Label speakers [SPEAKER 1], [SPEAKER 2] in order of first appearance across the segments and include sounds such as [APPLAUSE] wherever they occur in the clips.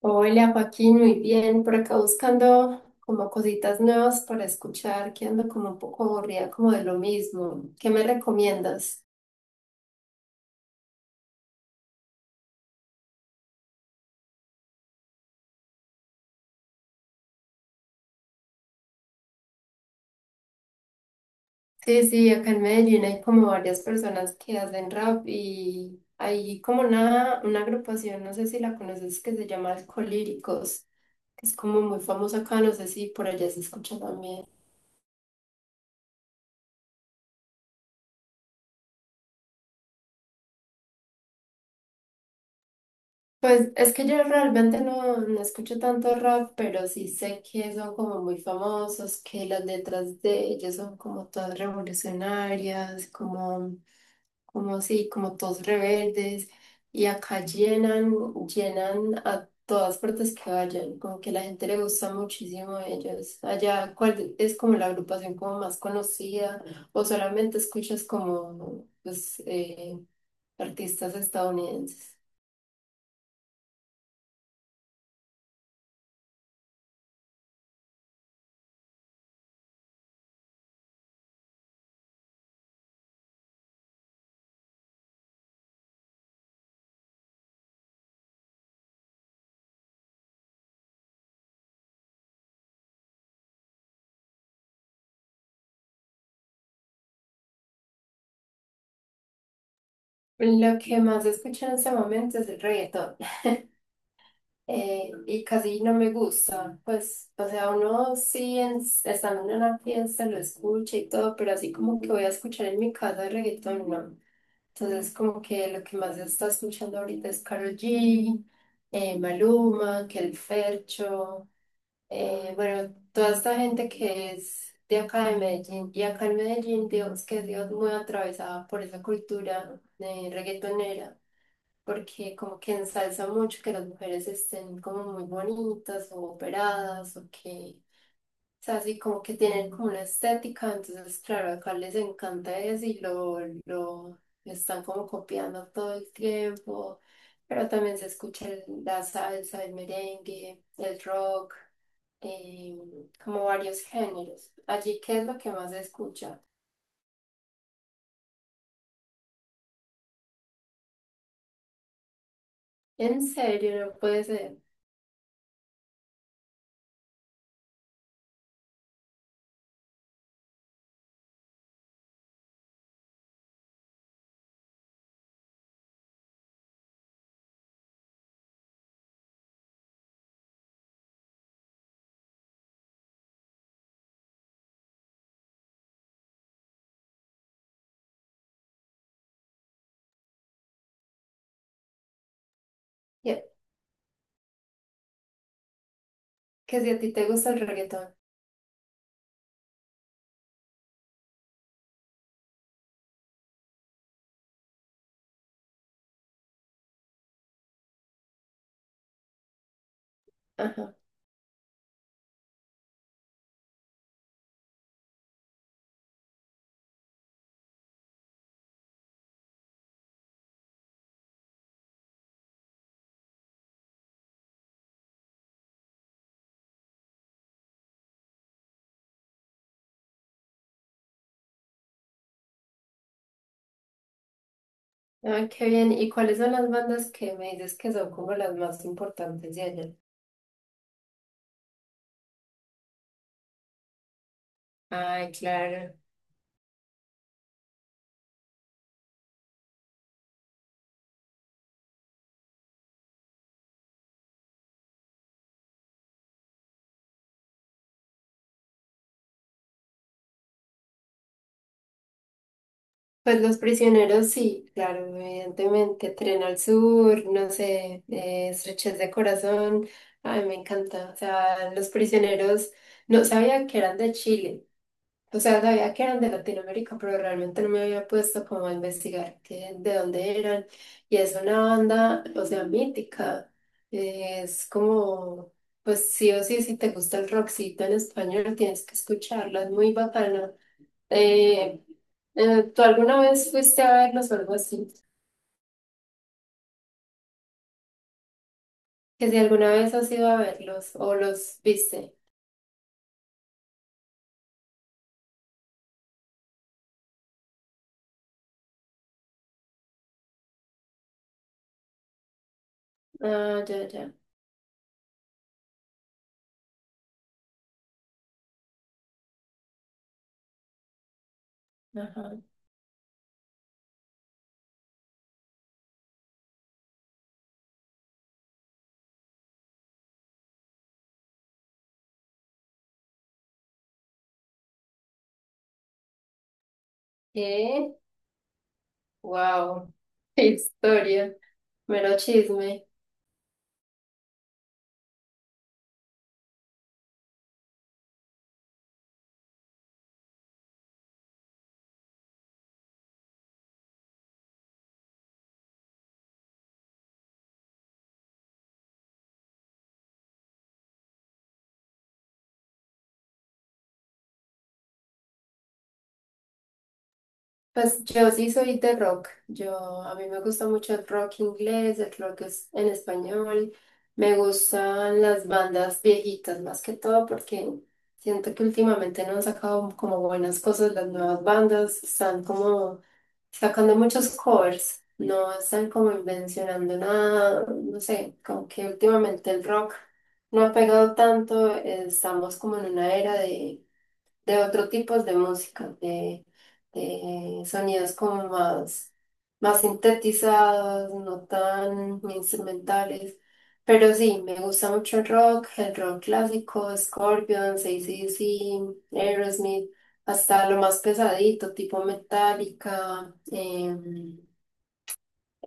[SPEAKER 1] Hola Joaquín, muy bien. Por acá buscando como cositas nuevas para escuchar, que ando como un poco aburrida como de lo mismo. ¿Qué me recomiendas? Sí, sí, acá en Medellín hay como varias personas que hacen rap y hay como una agrupación, no sé si la conoces, que se llama Alcolíricos, que es como muy famosa acá, no sé si por allá se escucha también. Pues es que yo realmente no escucho tanto rap, pero sí sé que son como muy famosos, que las letras de ellos son como todas revolucionarias, como, como sí, como todos rebeldes, y acá llenan, llenan a todas partes que vayan, como que la gente le gusta muchísimo a ellos. Allá, ¿cuál es como la agrupación como más conocida? ¿O solamente escuchas como pues, artistas estadounidenses? Lo que más escucho en este momento es el reggaetón, y casi no me gusta, pues, o sea, uno sí estando en una fiesta lo escucha y todo, pero así como que voy a escuchar en mi casa el reggaetón, no. Entonces como que lo que más se está escuchando ahorita es Karol G, Maluma, que el Fercho, bueno, toda esta gente que es de acá de Medellín y acá en Medellín, Dios, que Dios muy atravesada por esa cultura reggaetonera, porque como que ensalza mucho que las mujeres estén como muy bonitas o operadas o que, o sea, así como que tienen como una estética, entonces claro, acá les encanta eso y lo están como copiando todo el tiempo, pero también se escucha la salsa, el merengue, el rock, eh, como varios géneros. Allí, ¿qué es lo que más se escucha? En serio, no puede ser. Ya. Que si a ti te gusta el reggaetón. Ajá. Ay, qué bien. ¿Y cuáles son las bandas que me dices que son como las más importantes de allá? Ay, claro. Pues Los Prisioneros, sí, claro, evidentemente. Tren al Sur, no sé, Estrechez de Corazón. Ay, me encanta. O sea, Los Prisioneros, no sabía que eran de Chile. O sea, sabía que eran de Latinoamérica, pero realmente no me había puesto como a investigar qué, de dónde eran. Y es una banda, o sea, mítica. Es como, pues sí o sí, si te gusta el rockcito en español, tienes que escucharla, es muy bacana. Eh, ¿Tú alguna vez fuiste a verlos o algo así? Que si alguna vez has ido a verlos o los viste. Ah, ya, ya. Ajá. ¿Qué? Wow. [LAUGHS] Qué historia. Mero chisme. Pues yo sí soy de rock. Yo a mí me gusta mucho el rock inglés, el rock es en español. Me gustan las bandas viejitas más que todo porque siento que últimamente no han sacado como buenas cosas las nuevas bandas, están como sacando muchos covers, no están como invencionando nada, no sé, como que últimamente el rock no ha pegado tanto, estamos como en una era de otro tipos de música, de sonidos como más, más sintetizados, no tan instrumentales. Pero sí, me gusta mucho el rock clásico, Scorpions, AC/DC, Aerosmith, hasta lo más pesadito, tipo Metallica, em,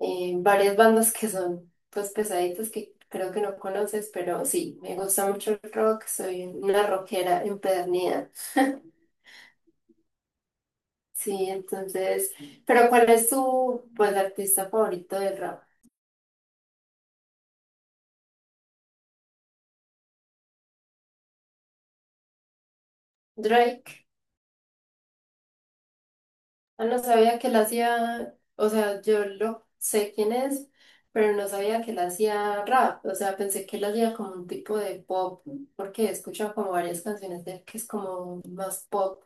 [SPEAKER 1] em, varias bandas que son pues pesaditas que creo que no conoces, pero sí, me gusta mucho el rock, soy una rockera empedernida. [LAUGHS] Sí, entonces, pero ¿cuál es tu, pues, artista favorito del rap? Drake. Ah, no sabía que él hacía, o sea, yo lo sé quién es, pero no sabía que él hacía rap. O sea, pensé que él hacía como un tipo de pop, porque he escuchado como varias canciones de él que es como más pop.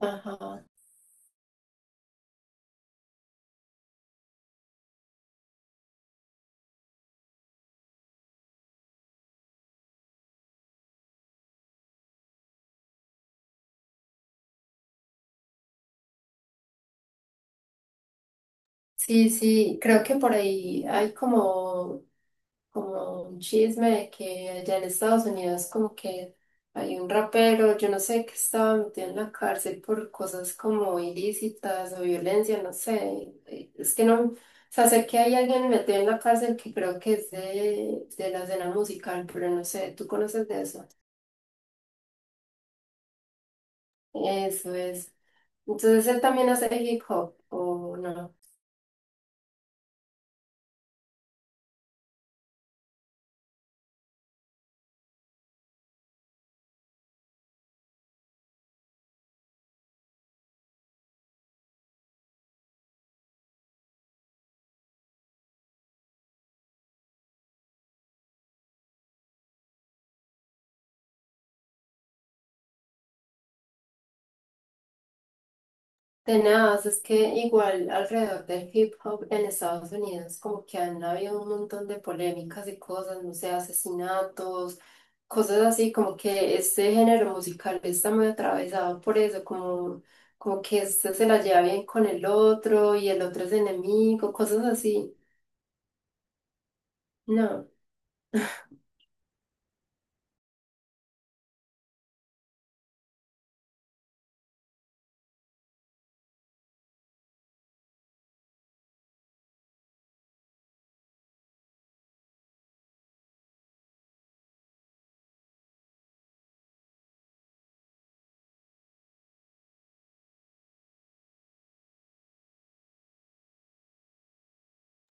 [SPEAKER 1] Ajá. Sí, sí, creo que por ahí hay como como un chisme de que allá en Estados Unidos como que hay un rapero, yo no sé, que estaba metido en la cárcel por cosas como ilícitas o violencia, no sé. Es que no, o sea, sé que hay alguien metido en la cárcel que creo que es de la escena musical, pero no sé, ¿tú conoces de eso? Eso es. Entonces él también hace hip hop, ¿o no? Tenaz, es que igual alrededor del hip hop en Estados Unidos como que han habido un montón de polémicas y cosas, no sé, asesinatos, cosas así, como que este género musical está muy atravesado por eso, como, como que este se la lleva bien con el otro y el otro es enemigo, cosas así. No.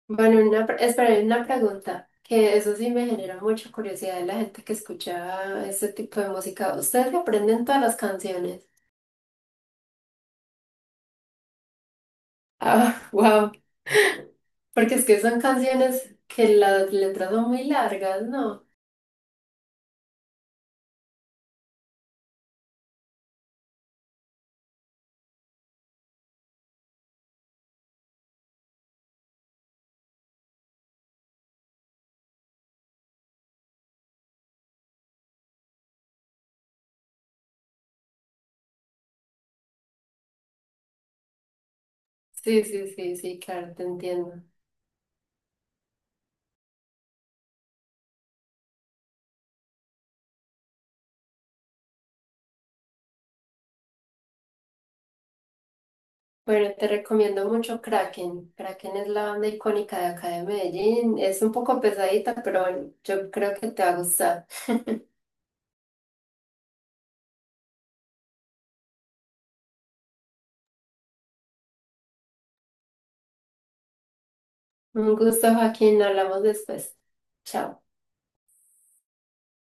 [SPEAKER 1] Bueno, una, espera, una pregunta, que eso sí me genera mucha curiosidad de la gente que escucha este tipo de música. ¿Ustedes se aprenden todas las canciones? [LAUGHS] Ah, wow. Porque es que son canciones que las letras son muy largas, ¿no? Sí, sí, sí, sí, claro, te entiendo. Bueno, te recomiendo mucho Kraken. Kraken es la banda icónica de acá de Medellín. Es un poco pesadita, pero bueno, yo creo que te va a gustar. Un gusto, Joaquín. Hablamos después. Chao.